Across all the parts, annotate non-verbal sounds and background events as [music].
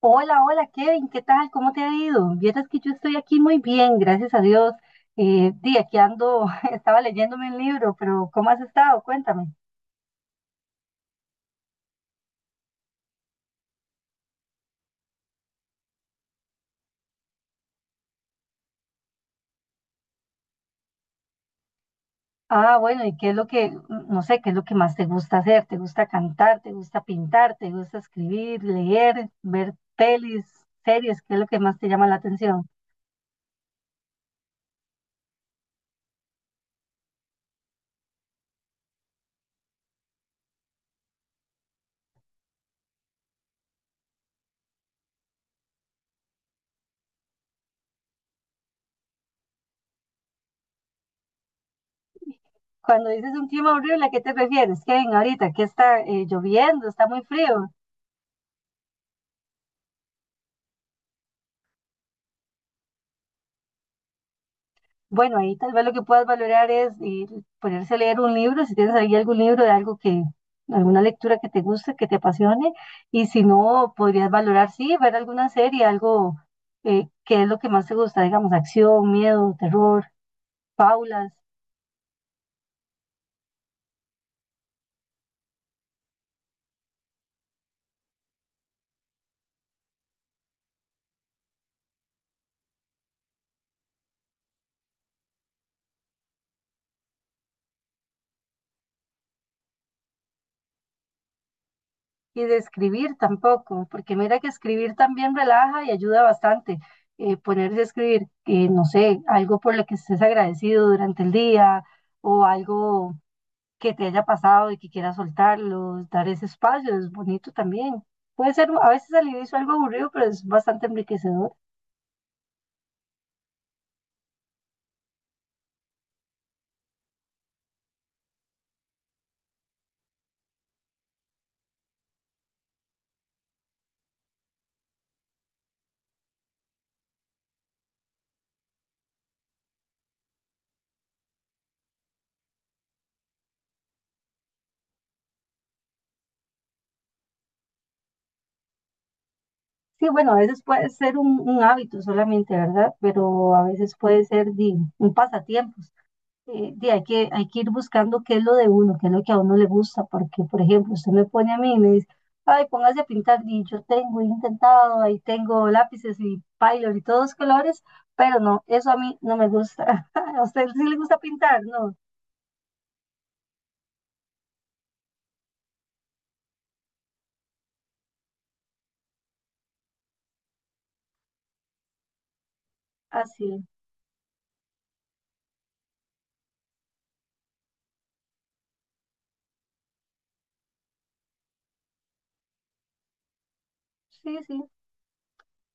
Hola, hola Kevin, ¿qué tal? ¿Cómo te ha ido? Vieras que yo estoy aquí muy bien, gracias a Dios. Di, aquí ando, [laughs] estaba leyéndome un libro, pero ¿cómo has estado? Cuéntame. Ah, bueno, ¿y qué es lo que, no sé, qué es lo que más te gusta hacer? ¿Te gusta cantar? ¿Te gusta pintar? ¿Te gusta escribir, leer, ver pelis, series? ¿Qué es lo que más te llama la atención? Cuando dices un clima horrible, ¿a qué te refieres, Kevin? Ahorita, ¿qué está lloviendo? ¿Está muy frío? Bueno, ahí tal vez lo que puedas valorar es ponerse a leer un libro, si tienes ahí algún libro de algo que, alguna lectura que te guste, que te apasione, y si no, podrías valorar, sí, ver alguna serie, algo que es lo que más te gusta, digamos, acción, miedo, terror, paulas, y de escribir tampoco, porque mira que escribir también relaja y ayuda bastante. Ponerse a escribir, no sé, algo por lo que estés agradecido durante el día o algo que te haya pasado y que quieras soltarlos, dar ese espacio, es bonito también. Puede ser a veces al inicio algo aburrido, pero es bastante enriquecedor. Sí, bueno, a veces puede ser un hábito solamente, ¿verdad? Pero a veces puede ser di, un pasatiempo. Di, hay que ir buscando qué es lo de uno, qué es lo que a uno le gusta, porque, por ejemplo, usted me pone a mí y me dice, ay, póngase a pintar, y yo tengo, he intentado, ahí tengo lápices y pylor y todos los colores, pero no, eso a mí no me gusta. [laughs] ¿A usted sí le gusta pintar? No. Así, sí, sí.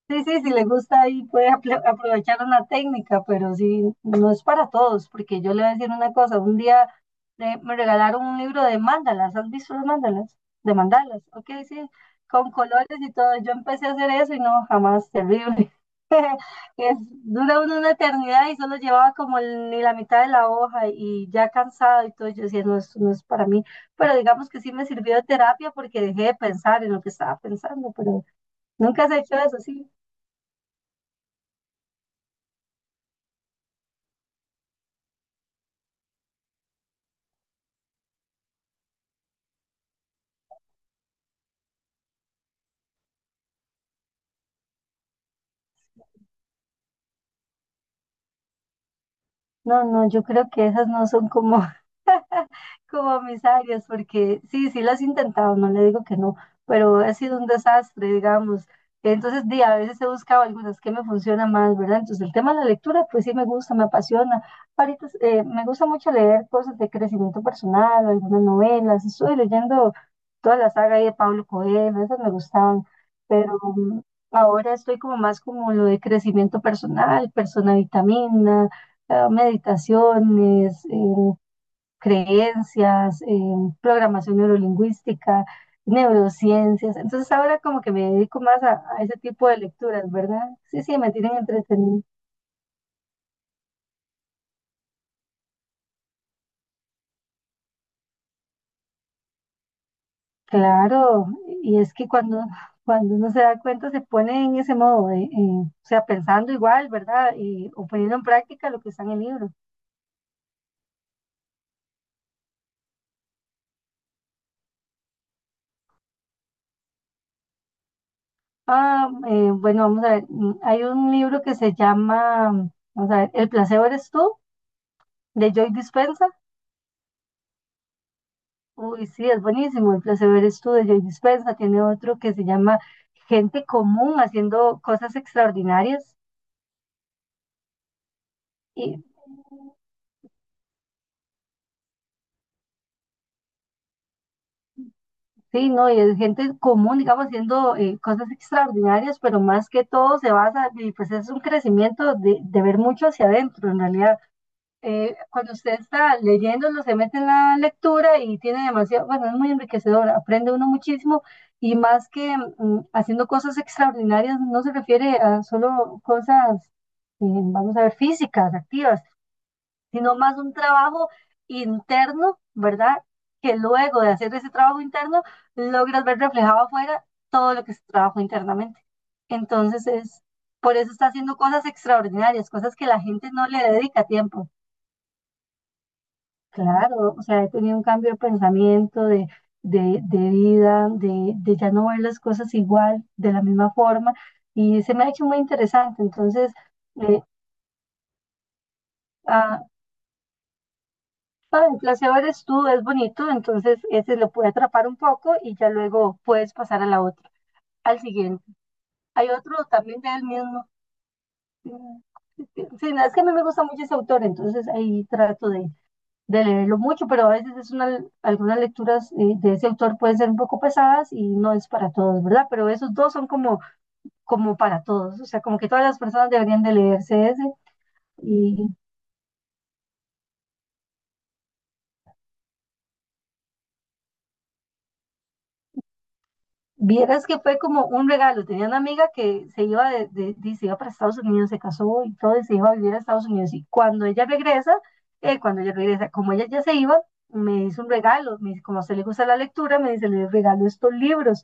Sí, sí, sí, si le gusta ahí puede aprovechar una técnica, pero sí, no es para todos, porque yo le voy a decir una cosa, un día me regalaron un libro de mandalas, ¿has visto los mandalas? De mandalas, ok, sí, con colores y todo, yo empecé a hacer eso y no, jamás, terrible. [laughs] Es, dura uno una eternidad y solo llevaba ni la mitad de la hoja y ya cansado y todo, yo decía, no, esto no es para mí, pero digamos que sí me sirvió de terapia porque dejé de pensar en lo que estaba pensando, pero... ¿Nunca has hecho eso? Sí. No, no, yo creo que esas no son como mis áreas, porque sí, sí las he intentado, no le digo que no, pero ha sido un desastre, digamos. Entonces, di, a veces he buscado algunas que me funcionan más, ¿verdad? Entonces, el tema de la lectura, pues sí me gusta, me apasiona. Ahorita me gusta mucho leer cosas de crecimiento personal, algunas novelas. Estuve leyendo toda la saga ahí de Pablo Coelho, esas me gustaban, pero ahora estoy como más como lo de crecimiento personal, persona vitamina, meditaciones, creencias, programación neurolingüística, neurociencias. Entonces ahora como que me dedico más a ese tipo de lecturas, ¿verdad? Sí, sí, me tienen entretenido. Claro, y es que cuando uno se da cuenta se pone en ese modo, de, o sea, pensando igual, ¿verdad? Y, o poniendo en práctica lo que está en el libro. Ah, bueno, vamos a ver, hay un libro que se llama, vamos a ver, El placebo eres tú, de Joy Dispenza. Uy, sí, es buenísimo. El placer es tú de Joy Dispenza. Tiene otro que se llama Gente Común haciendo cosas extraordinarias. Y sí, no, y es gente común, digamos, haciendo cosas extraordinarias, pero más que todo se basa, y pues es un crecimiento de ver mucho hacia adentro, en realidad. Cuando usted está leyendo, no se mete en la lectura y tiene demasiado, bueno, es muy enriquecedor, aprende uno muchísimo y más que haciendo cosas extraordinarias, no se refiere a solo cosas, vamos a ver, físicas, activas, sino más un trabajo interno, ¿verdad? Que luego de hacer ese trabajo interno, logras ver reflejado afuera todo lo que se trabajó internamente. Entonces es, por eso está haciendo cosas extraordinarias, cosas que la gente no le dedica tiempo. Claro, o sea, he tenido un cambio de pensamiento, de vida, de ya no ver las cosas igual, de la misma forma, y se me ha hecho muy interesante. Entonces, eh, ah, el placebo eres tú, es bonito, entonces ese lo puede atrapar un poco y ya luego puedes pasar a la otra, al siguiente. Hay otro también del mismo. Mm, sí, no, es que a mí me gusta mucho ese autor, entonces ahí trato de leerlo mucho, pero a veces es una, algunas lecturas de ese autor pueden ser un poco pesadas y no es para todos, ¿verdad? Pero esos dos son como, como para todos, o sea, como que todas las personas deberían de leerse ese y Vieras que fue como un regalo. Tenía una amiga que se iba, se iba para Estados Unidos, se casó y todo, y se iba a vivir a Estados Unidos. Y cuando ella regresa, como ella ya se iba, me hizo un regalo. Me dice, como a usted le gusta la lectura, me dice, le regalo estos libros.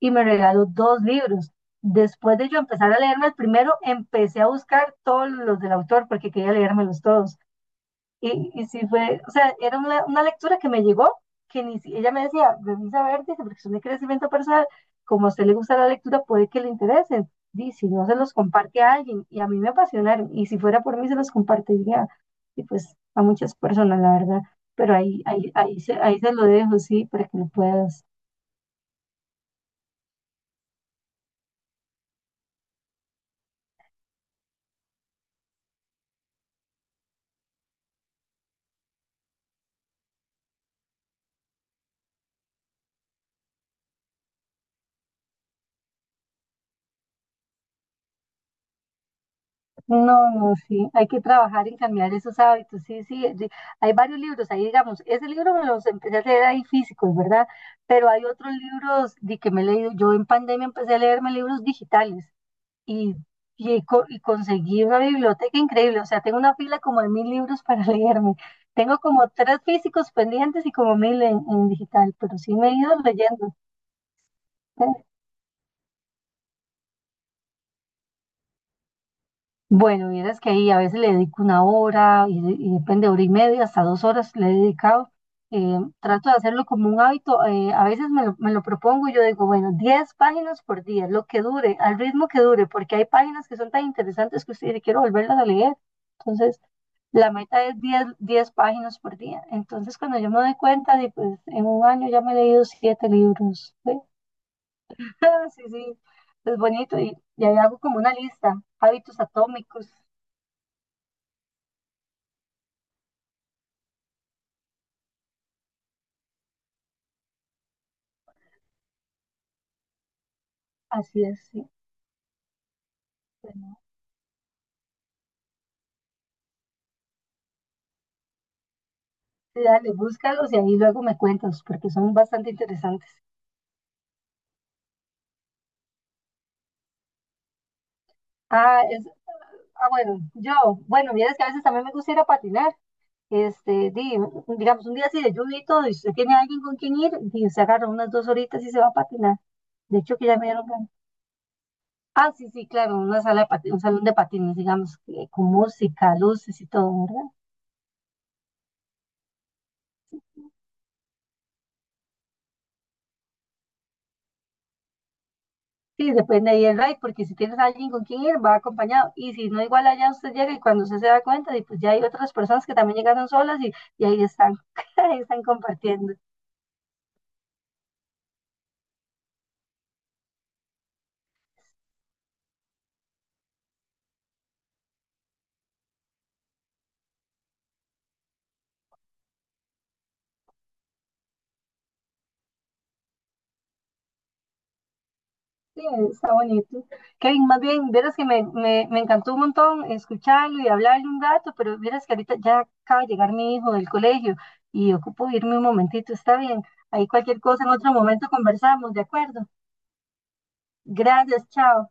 Y me regaló 2 libros. Después de yo empezar a leerme el primero, empecé a buscar todos los del autor porque quería leérmelos todos. Y sí fue, o sea, era una lectura que me llegó, que ni, ella me decía, revisa a ver, dice, porque son de crecimiento personal, como a usted le gusta la lectura, puede que le interesen. Dice, si no se los comparte a alguien, y a mí me apasionaron, y si fuera por mí se los compartiría, y pues a muchas personas, la verdad. Pero ahí se lo dejo, sí, para que lo puedas. No, no, sí, hay que trabajar en cambiar esos hábitos, sí, sí, de- hay varios libros, ahí digamos, ese libro me los empecé a leer ahí físicos, ¿verdad? Pero hay otros libros de que me he leído, yo en pandemia empecé a leerme libros digitales y, y conseguí una biblioteca increíble, o sea, tengo una fila como de 1.000 libros para [laughs] leerme, tengo como 3 físicos pendientes y como 1.000 en digital, pero sí me he ido leyendo. ¿Eh? Bueno, vieras que ahí a veces le dedico una hora y, y depende, hora y media, hasta 2 horas le he dedicado. Trato de hacerlo como un hábito. A veces me lo propongo y yo digo, bueno, 10 páginas por día, lo que dure, al ritmo que dure, porque hay páginas que son tan interesantes que usted dice, quiero volverlas a leer. Entonces, la meta es 10 páginas por día. Entonces, cuando yo me doy cuenta, de, pues en un año ya me he leído 7 libros. ¿Sí? [laughs] Sí, sí, es bonito. Y ahí hago como una lista, hábitos atómicos, así es, sí. Bueno, sí, dale, búscalos y ahí luego me cuentas, porque son bastante interesantes. Ah, es, ah, bueno, yo, bueno, mira, es que a veces también me gusta ir a patinar. Este, di, digamos, un día así de lluvia y todo, y si usted tiene alguien con quien ir, y se agarra unas 2 horitas y se va a patinar. De hecho, que ya me dieron ganas. Ah, sí, sí, claro, una sala de un salón de patines, digamos, que- con música, luces y todo, sí, depende ahí el ride, porque si tienes a alguien con quien ir, va acompañado. Y si no, igual allá usted llega y cuando usted se da cuenta, y pues ya hay otras personas que también llegaron solas y ahí están, [laughs] ahí están compartiendo. Sí, está bonito. Kevin, más bien, verás que me encantó un montón escucharlo y hablarle un rato, pero verás que ahorita ya acaba de llegar mi hijo del colegio y ocupo irme un momentito, está bien. Ahí cualquier cosa en otro momento conversamos, ¿de acuerdo? Gracias, chao.